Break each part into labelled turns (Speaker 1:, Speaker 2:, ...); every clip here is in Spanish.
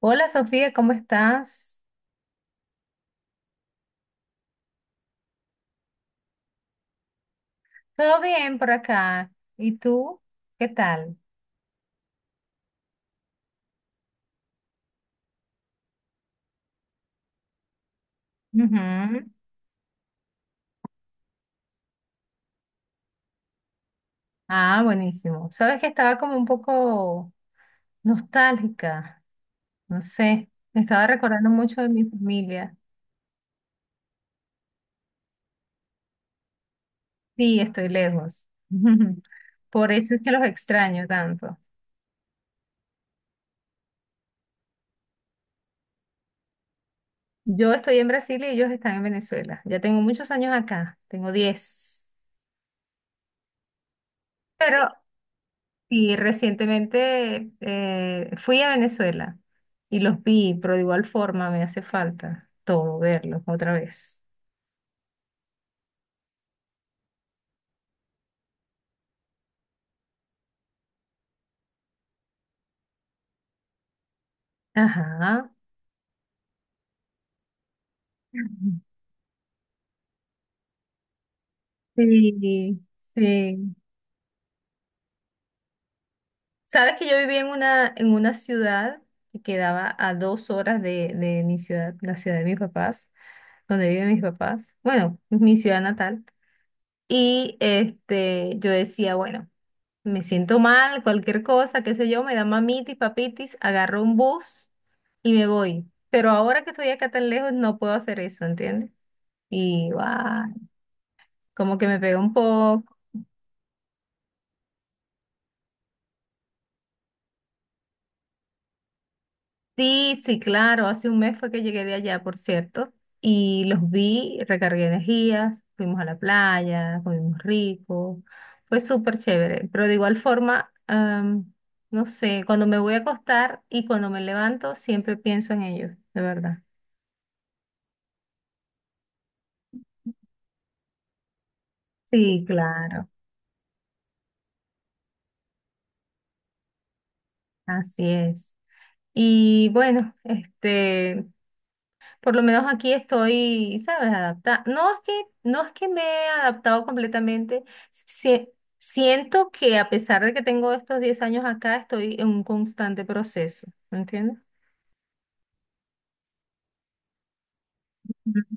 Speaker 1: Hola Sofía, ¿cómo estás? Todo bien por acá. ¿Y tú? ¿Qué tal? Ujú. Ah, buenísimo. Sabes que estaba como un poco nostálgica, no sé, me estaba recordando mucho de mi familia. Sí, estoy lejos. Por eso es que los extraño tanto. Yo estoy en Brasil y ellos están en Venezuela. Ya tengo muchos años acá, tengo 10. Pero Y recientemente fui a Venezuela y los vi, pero de igual forma me hace falta todo verlos otra vez. Ajá. Sí, sí. Sabes que yo vivía en una ciudad que quedaba a 2 horas de mi ciudad, la ciudad de mis papás, donde viven mis papás, bueno, mi ciudad natal. Y este, yo decía, bueno. Me siento mal, cualquier cosa, qué sé yo, me da mamitis, papitis, agarro un bus y me voy. Pero ahora que estoy acá tan lejos no puedo hacer eso, ¿entiendes? Y guau, como que me pega un poco. Sí, sí, claro, hace un mes fue que llegué de allá, por cierto, y los vi, recargué energías, fuimos a la playa, comimos rico, fue súper chévere, pero de igual forma, no sé, cuando me voy a acostar y cuando me levanto siempre pienso en ellos, de verdad. Sí, claro, así es. Y bueno, este, por lo menos aquí estoy, ¿sabes? Adaptada. No es que, no es que me he adaptado completamente. Sie- siento que a pesar de que tengo estos 10 años acá, estoy en un constante proceso, ¿me entiendes? Ujú.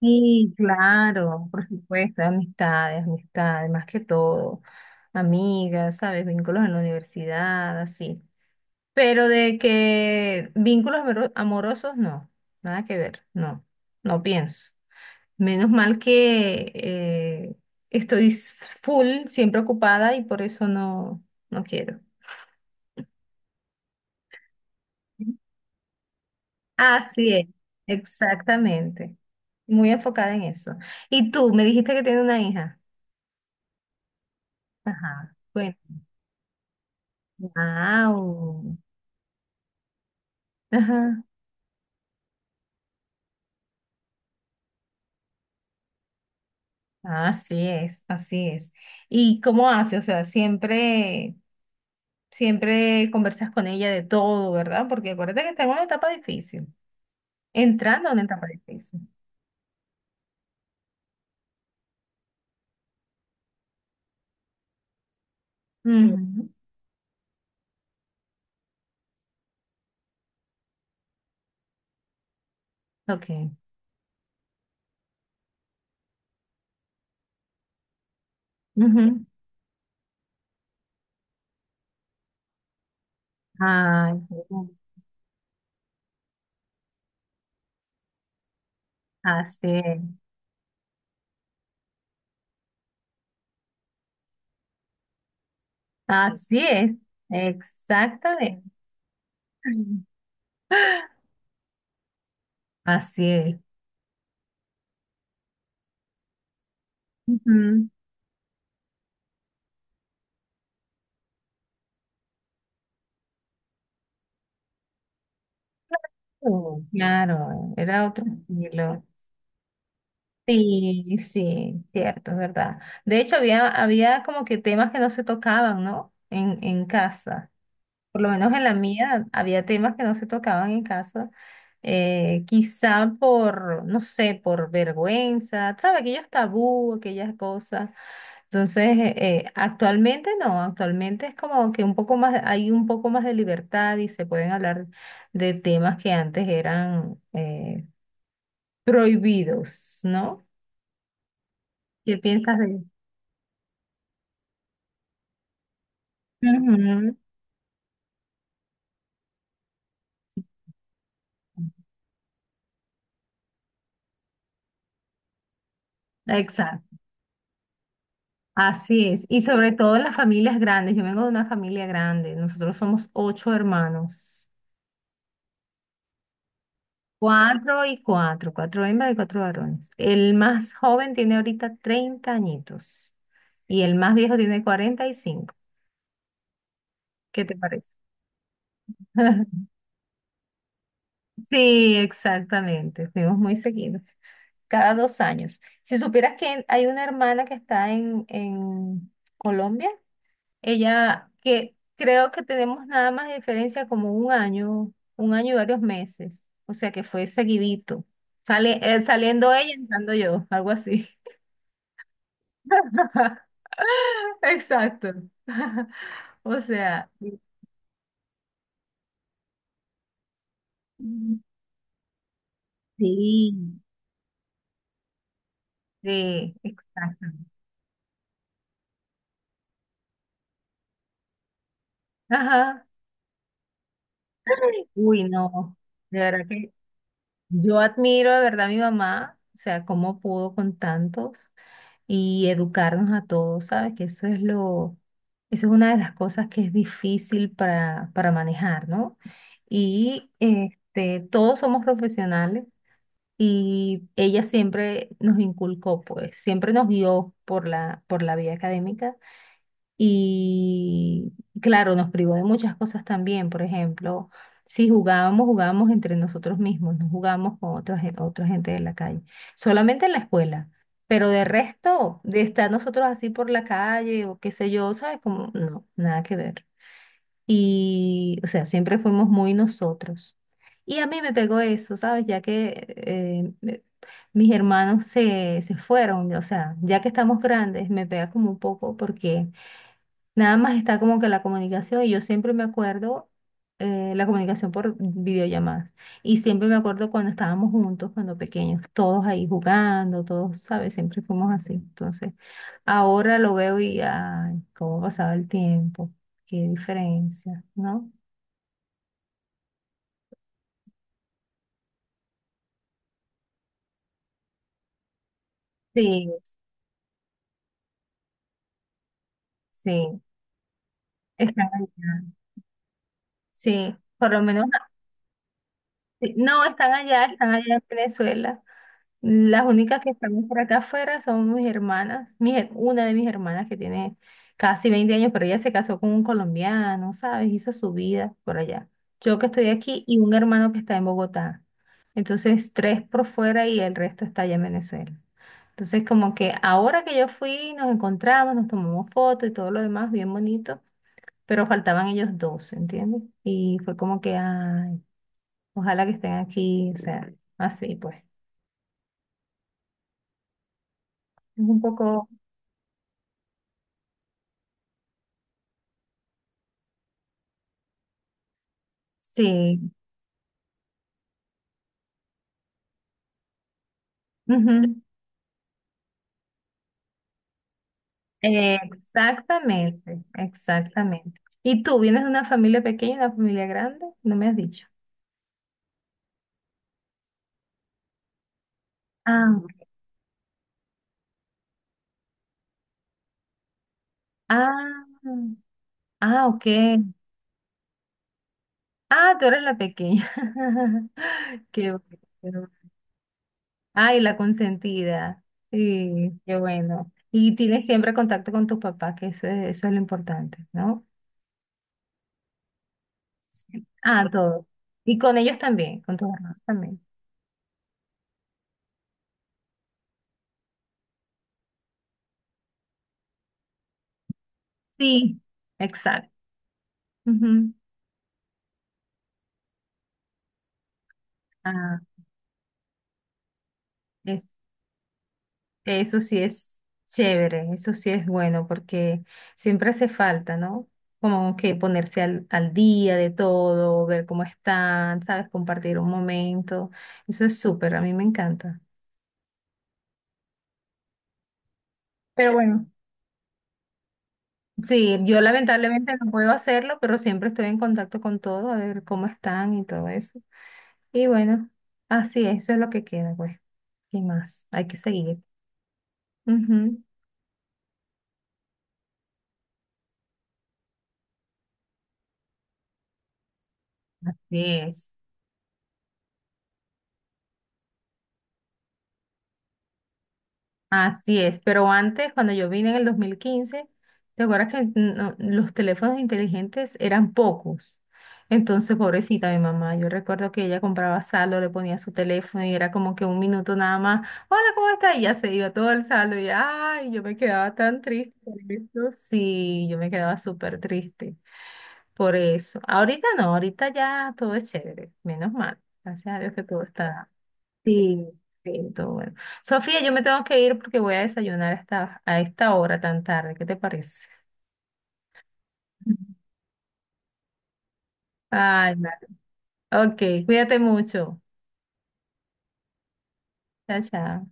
Speaker 1: Sí, claro, por supuesto, amistades, amistades, más que todo, amigas, ¿sabes? Vínculos en la universidad, así. Pero de que vínculos amorosos, no, nada que ver, no, no pienso. Menos mal que estoy full, siempre ocupada y por eso no, no quiero. Así es, exactamente. Muy enfocada en eso. Y tú, me dijiste que tiene una hija. Ajá. Bueno, wow. Ajá. Así es, así es. ¿Y cómo hace? O sea, siempre. Siempre conversas con ella de todo, ¿verdad? Porque acuérdate que está en una etapa difícil, entrando en una etapa difícil. Ujú. Ok. Ujú. Ay, sí. Así es. Así es. Exactamente. Ujú. Así es. Ujú. Oh, claro, era otro estilo. Sí, sí, cierto, es verdad. De hecho, había como que temas que no se tocaban, ¿no? En casa. Por lo menos en la mía había temas que no se tocaban en casa, quizá por, no sé, por vergüenza, ¿sabes? Aquellos tabú, aquellas cosas. Entonces, actualmente no, actualmente es como que un poco más, hay un poco más de libertad y se pueden hablar de temas que antes eran prohibidos, ¿no? ¿Qué piensas de eso? Ujú, exacto. Así es, y sobre todo en las familias grandes. Yo vengo de una familia grande, nosotros somos ocho hermanos, cuatro y cuatro, cuatro hembras y cuatro varones. El más joven tiene ahorita 30 añitos y el más viejo tiene 45. ¿Qué te parece? Sí, exactamente, fuimos muy seguidos, cada 2 años. Si supieras que hay una hermana que está en, Colombia, ella, que creo que tenemos nada más de diferencia como un año y varios meses. O sea que fue seguidito. Sale, saliendo ella, entrando yo, algo así. Exacto. O sea, Mm. sí, sí, exacto. Ajá. Uy, no, de verdad. Yo admiro de verdad a mi mamá, o sea, cómo pudo con tantos y educarnos a todos, ¿sabes? Que eso es lo, eso es una de las cosas que es difícil para manejar, ¿no? Y este, todos somos profesionales y ella siempre nos inculcó, pues, siempre nos guió por la vía académica y claro, nos privó de muchas cosas también. Por ejemplo, si jugábamos, jugábamos entre nosotros mismos, no jugábamos con otra gente de la calle, solamente en la escuela. Pero de resto, de estar nosotros así por la calle o qué sé yo, ¿sabes? Como, no, nada que ver. Y, o sea, siempre fuimos muy nosotros. Y a mí me pegó eso, ¿sabes? Ya que mis hermanos se fueron, o sea, ya que estamos grandes, me pega como un poco porque nada más está como que la comunicación y yo siempre me acuerdo la comunicación por videollamadas. Y siempre me acuerdo cuando estábamos juntos, cuando pequeños, todos ahí jugando, todos, ¿sabes? Siempre fuimos así. Entonces, ahora lo veo y, ay, cómo pasaba el tiempo, qué diferencia, ¿no? Sí, sí, están allá. Sí, por lo menos Sí, no, están allá en Venezuela. Las únicas que estamos por acá afuera son mis hermanas, una de mis hermanas que tiene casi 20 años, pero ella se casó con un colombiano, ¿sabes? Hizo su vida por allá. Yo que estoy aquí y un hermano que está en Bogotá. Entonces, tres por fuera y el resto está allá en Venezuela. Entonces, como que ahora que yo fui, nos encontramos, nos tomamos fotos y todo lo demás, bien bonito, pero faltaban ellos dos, ¿entiendes? Y fue como que, ay. Ojalá que estén aquí, o sea, así pues. Es un poco, sí. Ujú. Exactamente, exactamente. ¿Y tú vienes de una familia pequeña, una familia grande? No me has dicho. Ah, ah, ah, ok. Ah, tú eres la pequeña. Qué bueno. Qué bueno. Ay, la consentida. Sí, qué bueno. Y tienes siempre contacto con tus papás, que eso es lo importante, ¿no? Sí. Ah, todo. Y con ellos también, con tus hermanos también. Sí, exacto. Ujú. Ah, es- eso sí es chévere, eso sí es bueno, porque siempre hace falta, ¿no? Como que ponerse al día de todo, ver cómo están, ¿sabes? Compartir un momento. Eso es súper, a mí me encanta. Pero bueno, sí, yo lamentablemente no puedo hacerlo, pero siempre estoy en contacto con todo, a ver cómo están y todo eso. Y bueno, así es, eso es lo que queda, pues. ¿Qué más? Hay que seguir. Ujú. Así es. Así es, pero antes, cuando yo vine en el 2015, ¿te acuerdas que los teléfonos inteligentes eran pocos? Entonces, pobrecita mi mamá, yo recuerdo que ella compraba saldo, le ponía su teléfono y era como que un minuto nada más, hola, ¿cómo está? Y ya se iba todo el saldo y ay, yo me quedaba tan triste por eso. Sí, yo me quedaba súper triste por eso. Ahorita no, ahorita ya todo es chévere, menos mal. Gracias a Dios que todo está. Sí, sí, todo bueno. Sofía, yo me tengo que ir porque voy a desayunar hasta a esta hora tan tarde. ¿Qué te parece? Ay, vale. Ok, cuídate mucho. Chao, chao.